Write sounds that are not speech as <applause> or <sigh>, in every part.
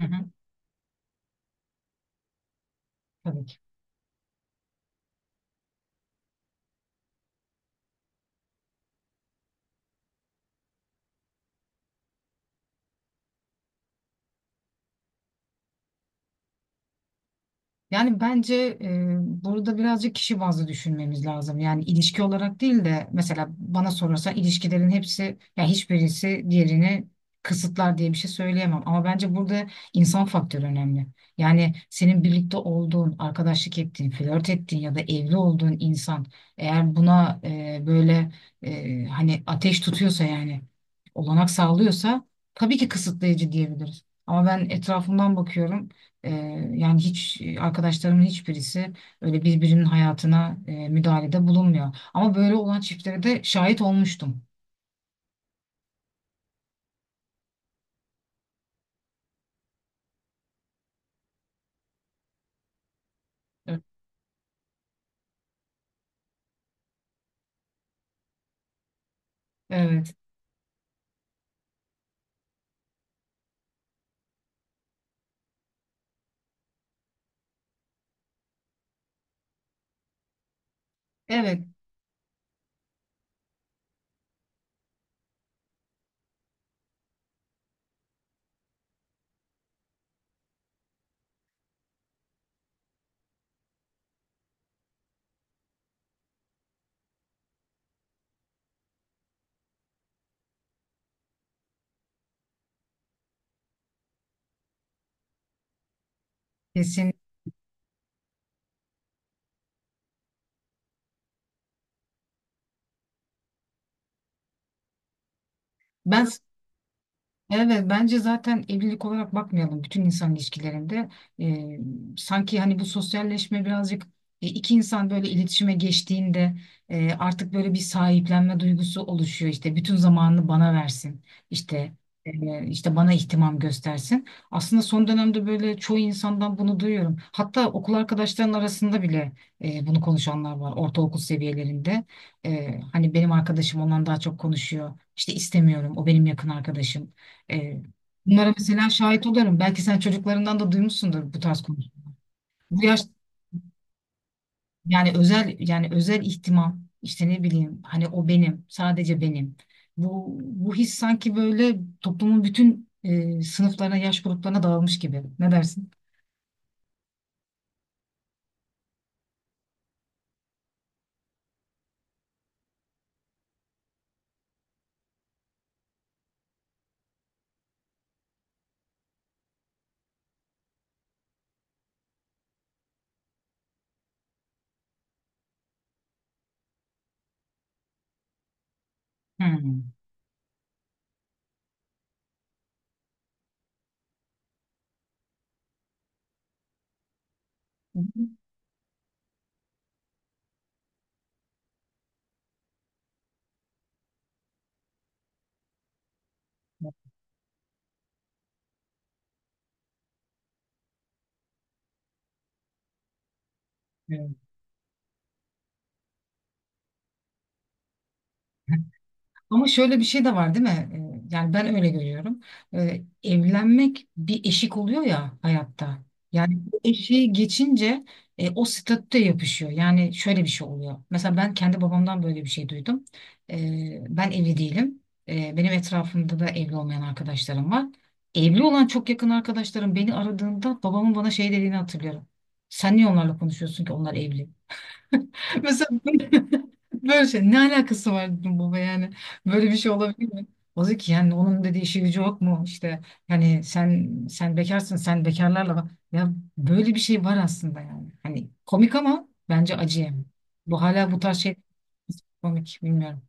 Hı hı, tabii ki. Yani bence e, burada birazcık kişi bazlı düşünmemiz lazım. Yani ilişki olarak değil de mesela bana sorarsan ilişkilerin hepsi ya hiçbirisi diğerini kısıtlar diye bir şey söyleyemem. Ama bence burada insan faktörü önemli. Yani senin birlikte olduğun, arkadaşlık ettiğin, flört ettiğin ya da evli olduğun insan eğer buna böyle hani ateş tutuyorsa yani olanak sağlıyorsa tabii ki kısıtlayıcı diyebiliriz. Ama ben etrafımdan bakıyorum. Ee, Yani hiç arkadaşlarımın hiçbirisi öyle birbirinin hayatına müdahalede bulunmuyor. Ama böyle olan çiftlere de şahit olmuştum. Evet. Evet, evet, kesin. Ben evet, bence zaten evlilik olarak bakmayalım bütün insan ilişkilerinde. Ee, Sanki hani bu sosyalleşme birazcık iki insan böyle iletişime geçtiğinde artık böyle bir sahiplenme duygusu oluşuyor. İşte bütün zamanını bana versin. İşte işte bana ihtimam göstersin. Aslında son dönemde böyle çoğu insandan bunu duyuyorum. Hatta okul arkadaşların arasında bile bunu konuşanlar var ortaokul seviyelerinde. Hani benim arkadaşım ondan daha çok konuşuyor. İşte istemiyorum, o benim yakın arkadaşım. Ee, Bunlara mesela şahit oluyorum. Belki sen çocuklarından da duymuşsundur bu tarz konuşmaları. Bu yaş, yani özel, yani özel ihtimam işte ne bileyim hani o benim, sadece benim. Bu his sanki böyle toplumun bütün sınıflarına, yaş gruplarına dağılmış gibi. Ne dersin? Hmm. Hı hı. Evet. Ama şöyle bir şey de var değil mi? Yani ben öyle görüyorum. Evlenmek bir eşik oluyor ya hayatta. Yani bu eşiği geçince o statüde yapışıyor. Yani şöyle bir şey oluyor. Mesela ben kendi babamdan böyle bir şey duydum. Ben evli değilim. Benim etrafımda da evli olmayan arkadaşlarım var. Evli olan çok yakın arkadaşlarım beni aradığında babamın bana şey dediğini hatırlıyorum. Sen niye onlarla konuşuyorsun ki, onlar evli? <laughs> Mesela böyle, böyle şey, ne alakası var dedim baba, yani böyle bir şey olabilir mi? O dedi ki yani, onun dediği işi gücü yok mu işte, yani sen bekarsın, sen bekarlarla bak. Ya böyle bir şey var aslında yani. Hani komik ama bence acı yani. Bu hala bu tarz şey, komik, bilmiyorum.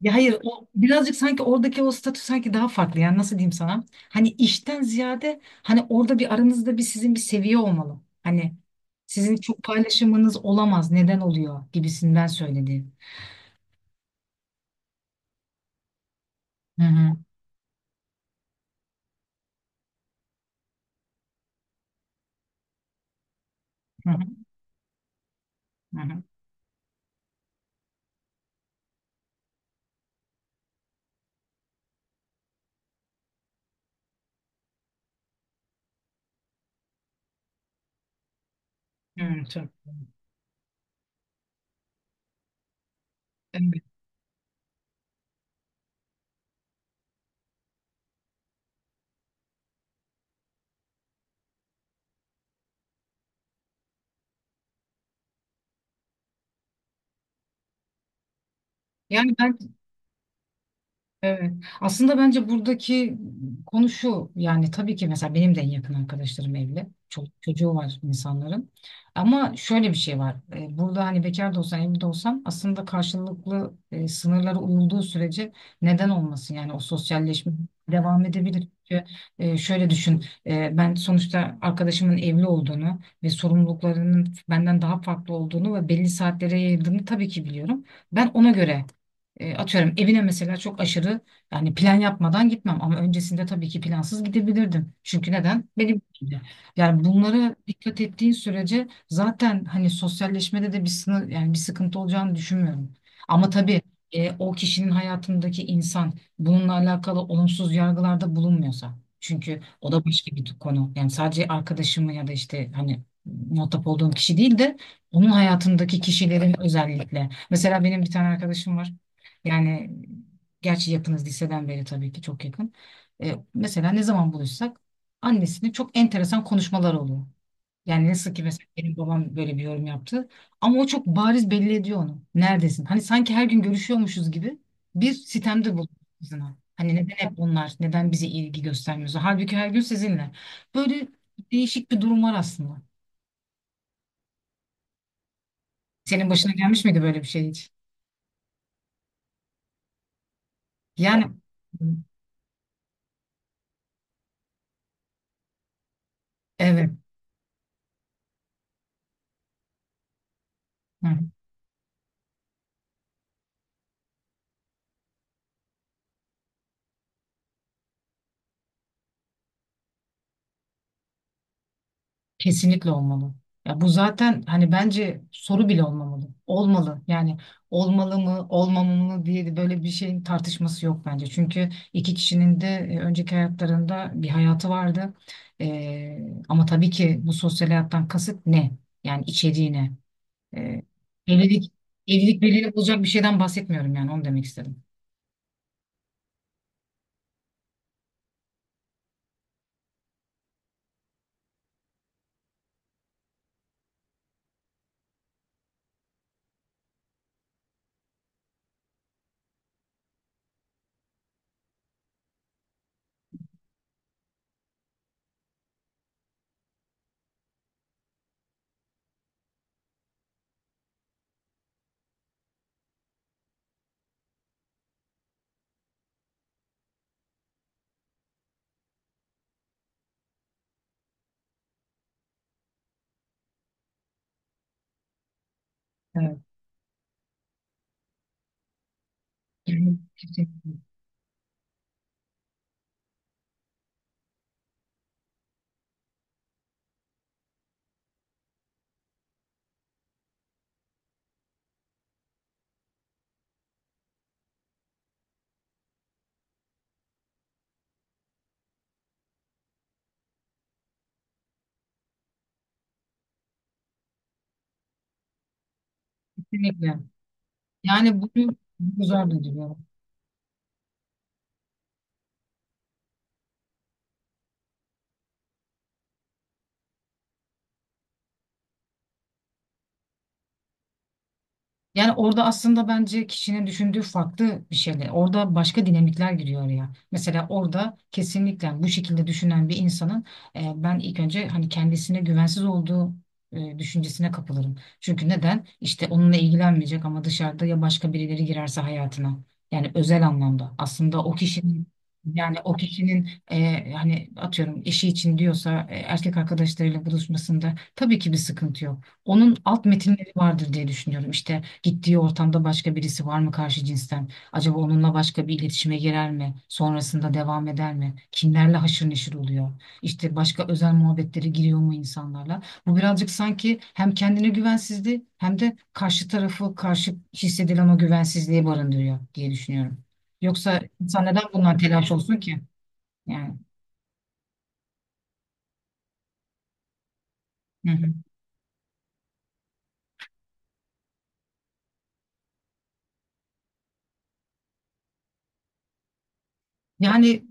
Ya hayır, o birazcık sanki oradaki o statü sanki daha farklı, yani nasıl diyeyim sana? Hani işten ziyade hani orada bir aranızda bir sizin bir seviye olmalı. Hani sizin çok paylaşımınız olamaz, neden oluyor gibisinden söyledi. Hı hı. Hı hı. Hı hı. Hı, tabii. Evet. Yani ben evet. Aslında bence buradaki konu şu, yani tabii ki mesela benim de en yakın arkadaşlarım evli. Çok çocuğu var insanların. Ama şöyle bir şey var. E, burada hani bekar da olsan evli de olsan aslında karşılıklı sınırlara uyulduğu sürece neden olmasın? Yani o sosyalleşme devam edebilir. Çünkü şöyle düşün. E, ben sonuçta arkadaşımın evli olduğunu ve sorumluluklarının benden daha farklı olduğunu ve belli saatlere yayıldığını tabii ki biliyorum. Ben ona göre atıyorum evine mesela çok aşırı yani plan yapmadan gitmem, ama öncesinde tabii ki plansız gidebilirdim. Çünkü neden? Benim için. Yani bunlara dikkat ettiğin sürece zaten hani sosyalleşmede de bir sınır, yani bir sıkıntı olacağını düşünmüyorum. Ama tabii o kişinin hayatındaki insan bununla alakalı olumsuz yargılarda bulunmuyorsa. Çünkü o da başka bir konu. Yani sadece arkadaşımı ya da işte hani muhatap olduğum kişi değil de onun hayatındaki kişilerin özellikle. Mesela benim bir tane arkadaşım var. Yani gerçi yakınız liseden beri, tabii ki çok yakın. E, mesela ne zaman buluşsak annesinin çok enteresan konuşmalar oluyor. Yani nasıl ki mesela benim babam böyle bir yorum yaptı. Ama o çok bariz belli ediyor onu. Neredesin? Hani sanki her gün görüşüyormuşuz gibi bir sitemde bulunuyor kızına. Hani neden hep onlar? Neden bize ilgi göstermiyorsun? Halbuki her gün sizinle. Böyle değişik bir durum var aslında. Senin başına gelmiş miydi böyle bir şey hiç? Yani evet. Hı. Kesinlikle olmalı. Ya bu zaten hani bence soru bile olmamalı. Olmalı. Yani olmalı mı, olmamalı mı diye de böyle bir şeyin tartışması yok bence. Çünkü iki kişinin de önceki hayatlarında bir hayatı vardı. Ee, Ama tabii ki bu sosyal hayattan kasıt ne? Yani içeriği ne? Ee, evlilik, evlilik belirli olacak bir şeyden bahsetmiyorum, yani onu demek istedim. Evet. <laughs> Kesinlikle. Kesinlikle. Yani bunu, bu zor da duruyor. Yani orada aslında bence kişinin düşündüğü farklı bir şeyler. Orada başka dinamikler giriyor ya. Mesela orada kesinlikle bu şekilde düşünen bir insanın ben ilk önce hani kendisine güvensiz olduğu düşüncesine kapılırım. Çünkü neden? İşte onunla ilgilenmeyecek ama dışarıda ya başka birileri girerse hayatına. Yani özel anlamda. Aslında o kişinin, yani o kişinin hani atıyorum eşi için diyorsa erkek arkadaşlarıyla buluşmasında tabii ki bir sıkıntı yok. Onun alt metinleri vardır diye düşünüyorum. İşte gittiği ortamda başka birisi var mı karşı cinsten? Acaba onunla başka bir iletişime girer mi? Sonrasında devam eder mi? Kimlerle haşır neşir oluyor? İşte başka özel muhabbetlere giriyor mu insanlarla? Bu birazcık sanki hem kendine güvensizliği hem de karşı tarafı, karşı hissedilen o güvensizliği barındırıyor diye düşünüyorum. Yoksa insan neden bundan telaş olsun ki? Yani. Hı hı. Yani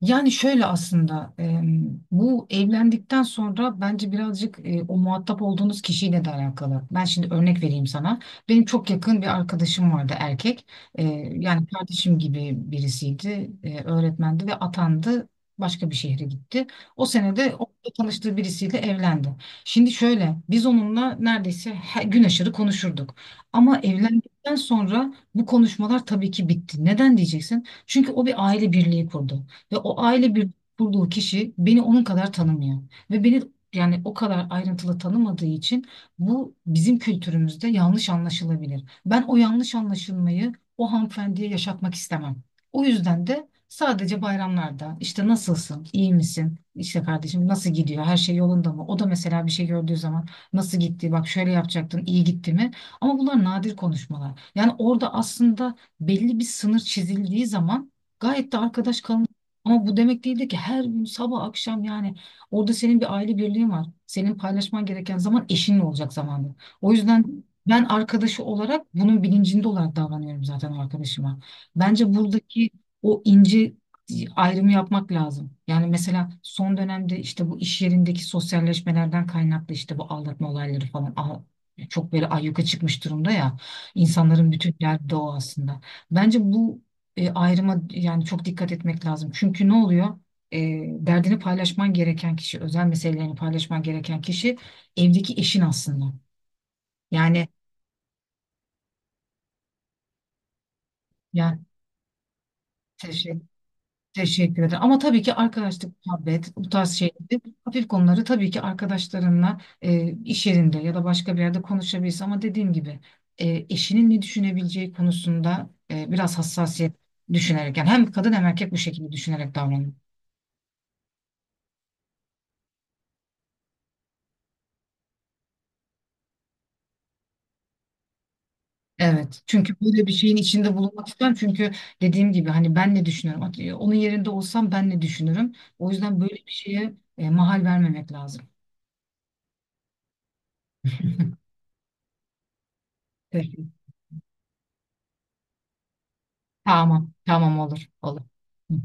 Yani şöyle aslında, bu evlendikten sonra bence birazcık o muhatap olduğunuz kişiyle de alakalı. Ben şimdi örnek vereyim sana. Benim çok yakın bir arkadaşım vardı, erkek. E, Yani kardeşim gibi birisiydi. E, öğretmendi ve atandı. Başka bir şehre gitti. O senede orada tanıştığı birisiyle evlendi. Şimdi şöyle, biz onunla neredeyse her gün aşırı konuşurduk. Ama evlendikten sonra bu konuşmalar tabii ki bitti. Neden diyeceksin? Çünkü o bir aile birliği kurdu. Ve o aile kurduğu kişi beni onun kadar tanımıyor. Ve beni, yani o kadar ayrıntılı tanımadığı için bu bizim kültürümüzde yanlış anlaşılabilir. Ben o yanlış anlaşılmayı o hanımefendiye yaşatmak istemem. O yüzden de sadece bayramlarda işte nasılsın, iyi misin, işte kardeşim nasıl gidiyor, her şey yolunda mı? O da mesela bir şey gördüğü zaman, nasıl gitti, bak şöyle yapacaktın, iyi gitti mi? Ama bunlar nadir konuşmalar. Yani orada aslında belli bir sınır çizildiği zaman gayet de arkadaş kalın, ama bu demek değildi ki her gün sabah akşam, yani orada senin bir aile birliğin var. Senin paylaşman gereken zaman eşinle olacak zamanda. O yüzden ben arkadaşı olarak bunun bilincinde olarak davranıyorum zaten arkadaşıma. Bence buradaki o ince ayrımı yapmak lazım. Yani mesela son dönemde işte bu iş yerindeki sosyalleşmelerden kaynaklı işte bu aldatma olayları falan çok böyle ayyuka çıkmış durumda ya. İnsanların bütün derdi de o aslında. Bence bu ayrıma yani çok dikkat etmek lazım. Çünkü ne oluyor? E, Derdini paylaşman gereken kişi, özel meselelerini paylaşman gereken kişi evdeki eşin aslında. Yani yani teşekkür, teşekkür ederim. Ama tabii ki arkadaşlık, muhabbet, bu tarz şeyleri, hafif konuları tabii ki arkadaşlarınla iş yerinde ya da başka bir yerde konuşabilirsin. Ama dediğim gibi eşinin ne düşünebileceği konusunda biraz hassasiyet düşünerek, yani hem kadın hem erkek bu şekilde düşünerek davranıyor. Evet. Çünkü böyle bir şeyin içinde bulunmak istemem. Çünkü dediğim gibi hani ben ne düşünüyorum? Onun yerinde olsam ben ne düşünürüm? O yüzden böyle bir şeye mahal vermemek lazım. Peki. Tamam. Tamam olur. Olur. Hı hı.